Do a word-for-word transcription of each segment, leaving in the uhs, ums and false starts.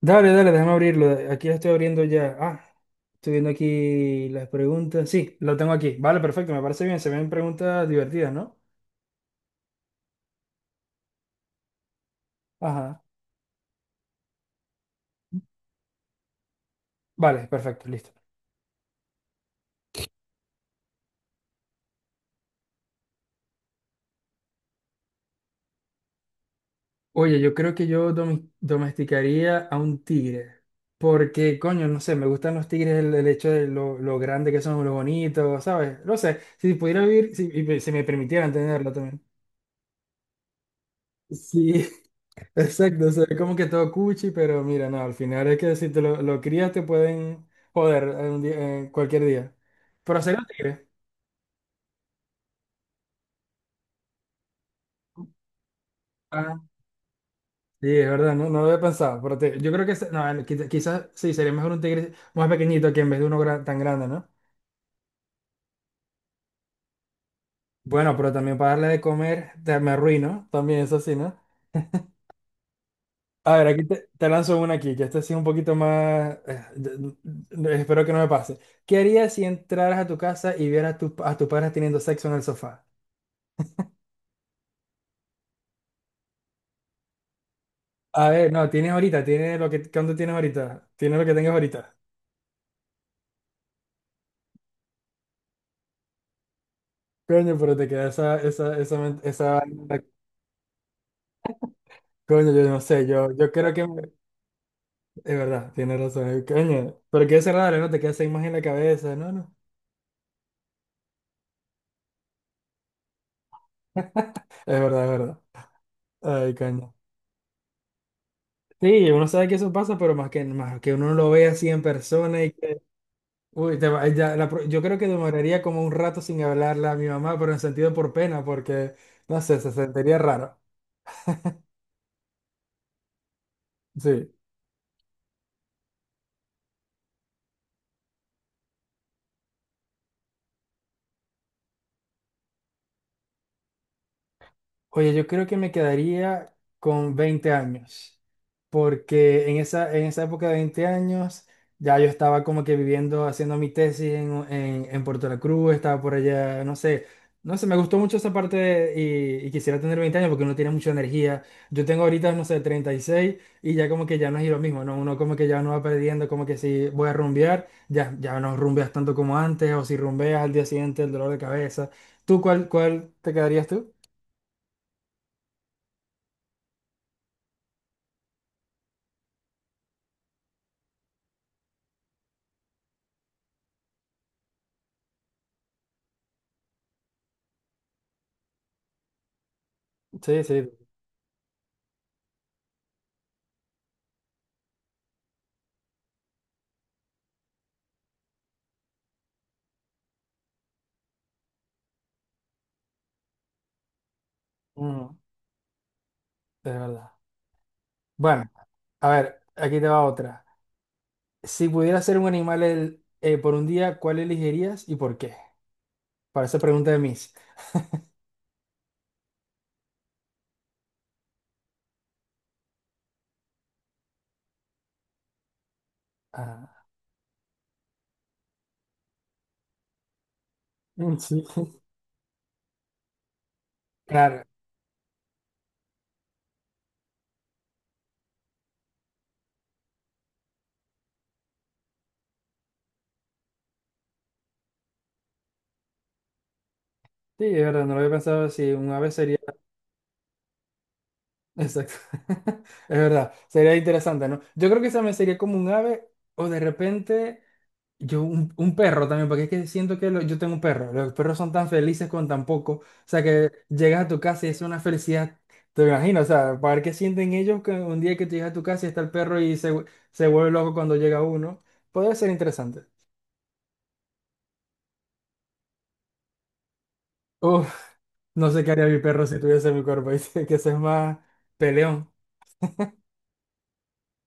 Dale, dale, déjame abrirlo. Aquí lo estoy abriendo ya. Ah, estoy viendo aquí las preguntas. Sí, lo tengo aquí. Vale, perfecto, me parece bien. Se ven preguntas divertidas, ¿no? Ajá. Vale, perfecto, listo. Oye, yo creo que yo domi- domesticaría a un tigre. Porque, coño, no sé, me gustan los tigres el, el hecho de lo, lo grande que son, lo bonitos, ¿sabes? No sé, si pudiera vivir, si, y si me permitieran tenerlo también. Sí, exacto, se ve como que todo cuchi, pero mira, no, al final es que si te lo, lo crías te pueden joder eh, un día- eh, cualquier día. Pero sería un tigre. Ah, sí, es verdad, no, no lo había pensado. Pero te- yo creo que se- no, eh, quizá- quizás sí, sería mejor un tigre más pequeñito que en vez de uno gra- tan grande, ¿no? Bueno, pero también para darle de comer te, me arruino, también eso sí, ¿no? A ver, aquí te, te lanzo una aquí, que esta sí es un poquito más, eh, de- de- espero que no me pase. ¿Qué harías si entraras a tu casa y vieras a, tu- a tus padres teniendo sexo en el sofá? A ver, no, tienes ahorita, tienes lo que, ¿cuánto tienes ahorita? Tienes lo que tengas ahorita. Coño, pero te queda esa, esa, esa, men- esa, coño, yo no sé, yo, yo creo que, me- es verdad, tienes razón, eh, coño, pero qué raro, ¿no? Te queda esa imagen en la cabeza, no, no, es verdad, es verdad, ay, coño. Sí, uno sabe que eso pasa, pero más que, más que uno lo ve así en persona y que, uy, te va- ya, la pro- yo creo que demoraría como un rato sin hablarle a mi mamá, pero en sentido por pena, porque, no sé, se sentiría raro, sí. Oye, yo creo que me quedaría con veinte años, porque en esa, en esa época de veinte años ya yo estaba como que viviendo, haciendo mi tesis en, en, en Puerto La Cruz, estaba por allá, no sé, no sé, me gustó mucho esa parte de- y, y quisiera tener veinte años porque uno tiene mucha energía. Yo tengo ahorita, no sé, treinta y seis y seis y ya como que ya no es lo mismo, ¿no? Uno como que ya no va perdiendo, como que si voy a rumbear, ya, ya no rumbeas tanto como antes, o si rumbeas al día siguiente el dolor de cabeza. ¿Tú cuál, cuál te quedarías tú? Sí, sí. Mm, es verdad. Bueno, a ver, aquí te va otra. Si pudieras ser un animal el- eh, por un día, ¿cuál elegirías y por qué? Para esa pregunta de mis. Ah, mm, sí. Claro, sí, es verdad, no lo había pensado si un ave sería. Exacto. Es verdad, sería interesante, ¿no? Yo creo que esa me sería como un ave o de repente. Yo, un, un perro también, porque es que siento que lo- yo tengo un perro. Los perros son tan felices con tan poco. O sea, que llegas a tu casa y es una felicidad. Te imagino, o sea, para ver qué sienten ellos que un día que te llegas a tu casa y está el perro y se, vu- se vuelve loco cuando llega uno. Podría ser interesante. Uf, no sé qué haría mi perro si tuviese mi cuerpo. Dice que ese es más peleón.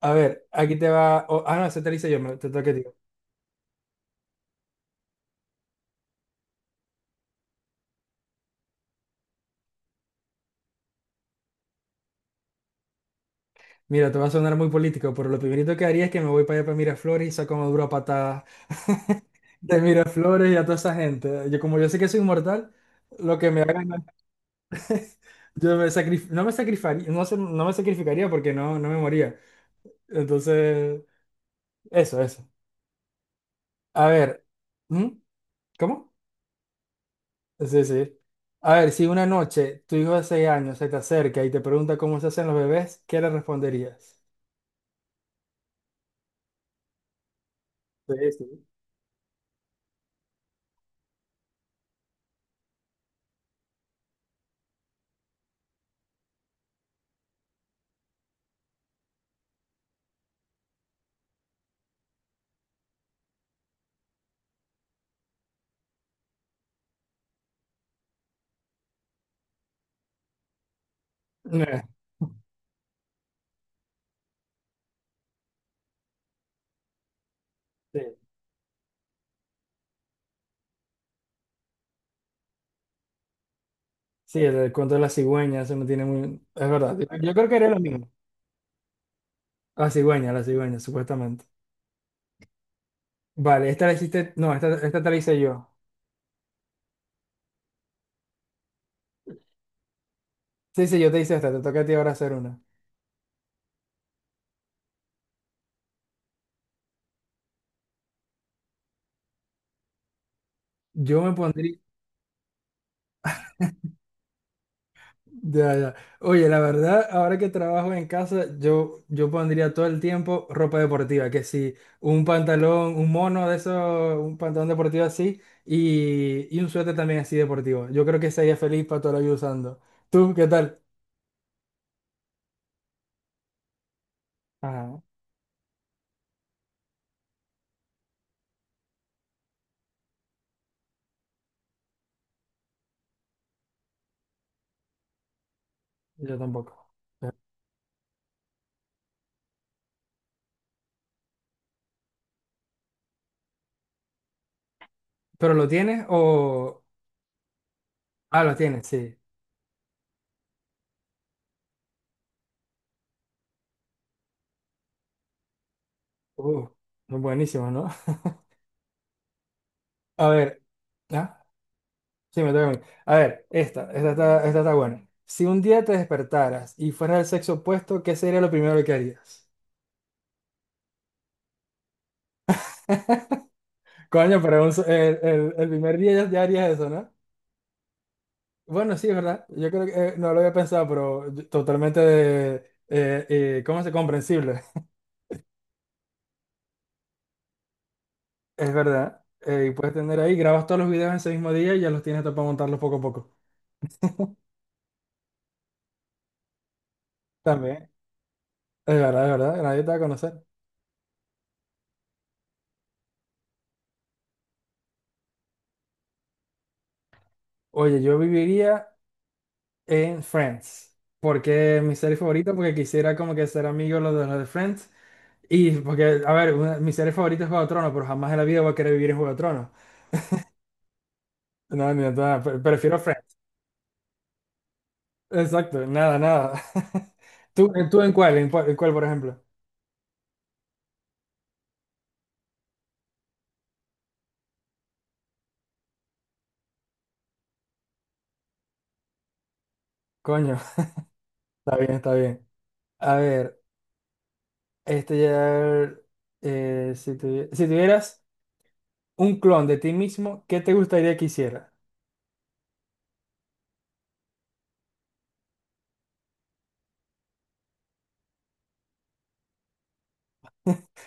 A ver, aquí te va. O- ah, no, ese te lo hice yo, me- te toca a ti. Mira, te va a sonar muy político, pero lo primerito que haría es que me voy para allá para Miraflores y saco una dura patada de Miraflores y a toda esa gente. Yo, como yo sé que soy inmortal, lo que me hagan, yo me sacrif- no me sacrificaría, no, se- no me sacrificaría porque no, no me moría. Entonces, eso, eso. A ver, ¿mm? ¿Cómo? Sí, sí. A ver, si una noche tu hijo de seis años se te acerca y te pregunta cómo se hacen los bebés, ¿qué le responderías? Sí, sí. Eh, sí. Sí, el, el cuento de la cigüeña, eso no tiene muy. Es verdad, yo yo creo que era lo mismo. La cigüeña, la cigüeña, supuestamente. Vale, esta la hiciste. No, esta, esta te la hice yo. Sí, sí, yo te hice esta, te toca a ti ahora hacer una. Yo me pondría. Ya, ya. Oye, la verdad, ahora que trabajo en casa, yo, yo pondría todo el tiempo ropa deportiva, que si un pantalón, un mono de esos, un pantalón deportivo así, y, y un suéter también así deportivo. Yo creo que sería feliz para toda la vida usando. ¿Tú qué tal? Ajá, yo tampoco. ¿Pero lo tienes o? Ah, lo tienes, sí. Uh, Buenísimo, ¿no? A ver, ¿ah? Sí, me toca a mí. A ver, esta, esta está, esta está buena. Si un día te despertaras y fueras del sexo opuesto, ¿qué sería lo primero que harías? Coño, pero un so- el, el- el primer día ya, ya harías eso, ¿no? Bueno, sí, es verdad. Yo creo que eh, no lo había pensado, pero yo- totalmente de, eh, eh, ¿cómo se comprensible? Es verdad. Eh, y puedes tener ahí, grabas todos los videos en ese mismo día y ya los tienes todo para montarlos poco a poco. También. Es verdad, es verdad, nadie te va a conocer. Oye, yo viviría en Friends, porque es mi serie favorita, porque quisiera como que ser amigo de los de, los de Friends, y porque, a ver, una- mi serie favorita es Juego de Tronos, pero jamás en la vida voy a querer vivir en Juego de Tronos. No, ni de nada, pre- prefiero Friends. Exacto, nada, nada. ¿Tú, tú en cuál, en cuál, en cuál, por ejemplo? Coño, está bien, está bien. A ver, este ya, eh, si tuvi- si tuvieras un clon de ti mismo, ¿qué te gustaría que hiciera?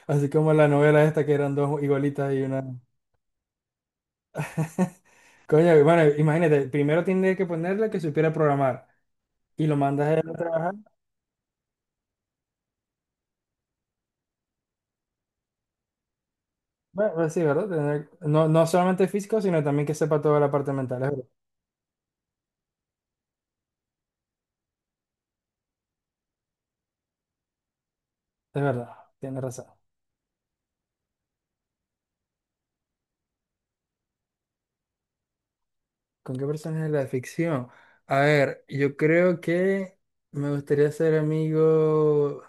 Así como la novela esta que eran dos igualitas y una. Coño, bueno, imagínate, primero tiene que ponerle que supiera programar y lo mandas a él a trabajar. Bueno, pues sí, ¿verdad? Tener- No, no solamente físico, sino también que sepa toda la parte mental. Es verdad, es verdad, tienes razón. ¿Con qué personaje de la ficción? A ver, yo creo que me gustaría ser amigo.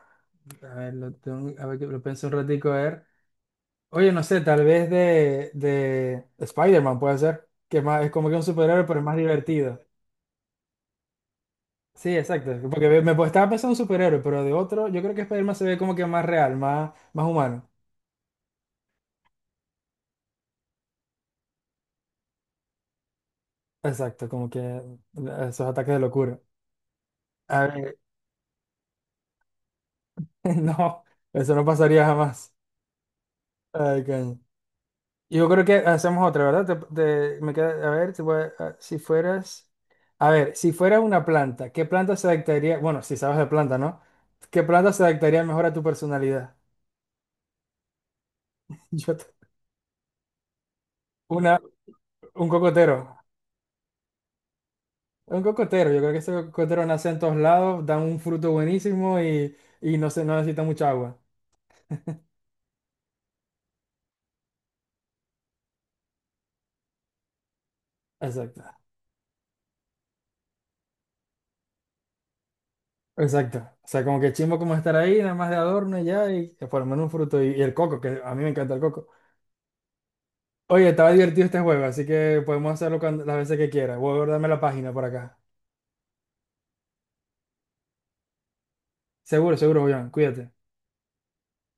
A ver, lo tengo- a ver, que lo pienso un ratico, a ver. Oye, no sé, tal vez de, de Spider-Man puede ser, que es más, es como que un superhéroe, pero es más divertido. Sí, exacto, porque me, me- pues, estaba pensando en superhéroe, pero de otro, yo creo que Spider-Man se ve como que más real, más, más humano. Exacto, como que eh, esos ataques de locura. A ver, no, eso no pasaría jamás. Ay, coño. Yo creo que hacemos otra, ¿verdad? Te- te- me queda- a ver, te voy a- si fueras, a ver, si fueras una planta, ¿qué planta se adaptaría? Bueno, si sabes de planta, ¿no? ¿Qué planta se adaptaría mejor a tu personalidad? Yo te- una, un cocotero, un cocotero. Yo creo que ese cocotero nace en todos lados, da un fruto buenísimo y, y no se, no necesita mucha agua. Exacto, exacto. O sea, como que chimbo como estar ahí, nada más de adorno y ya, y eh, por lo menos un fruto y, y el coco, que a mí me encanta el coco. Oye, estaba divertido este juego, así que podemos hacerlo cuando- las veces que quieras. Voy a guardarme la página por acá. Seguro, seguro, Julián. Cuídate.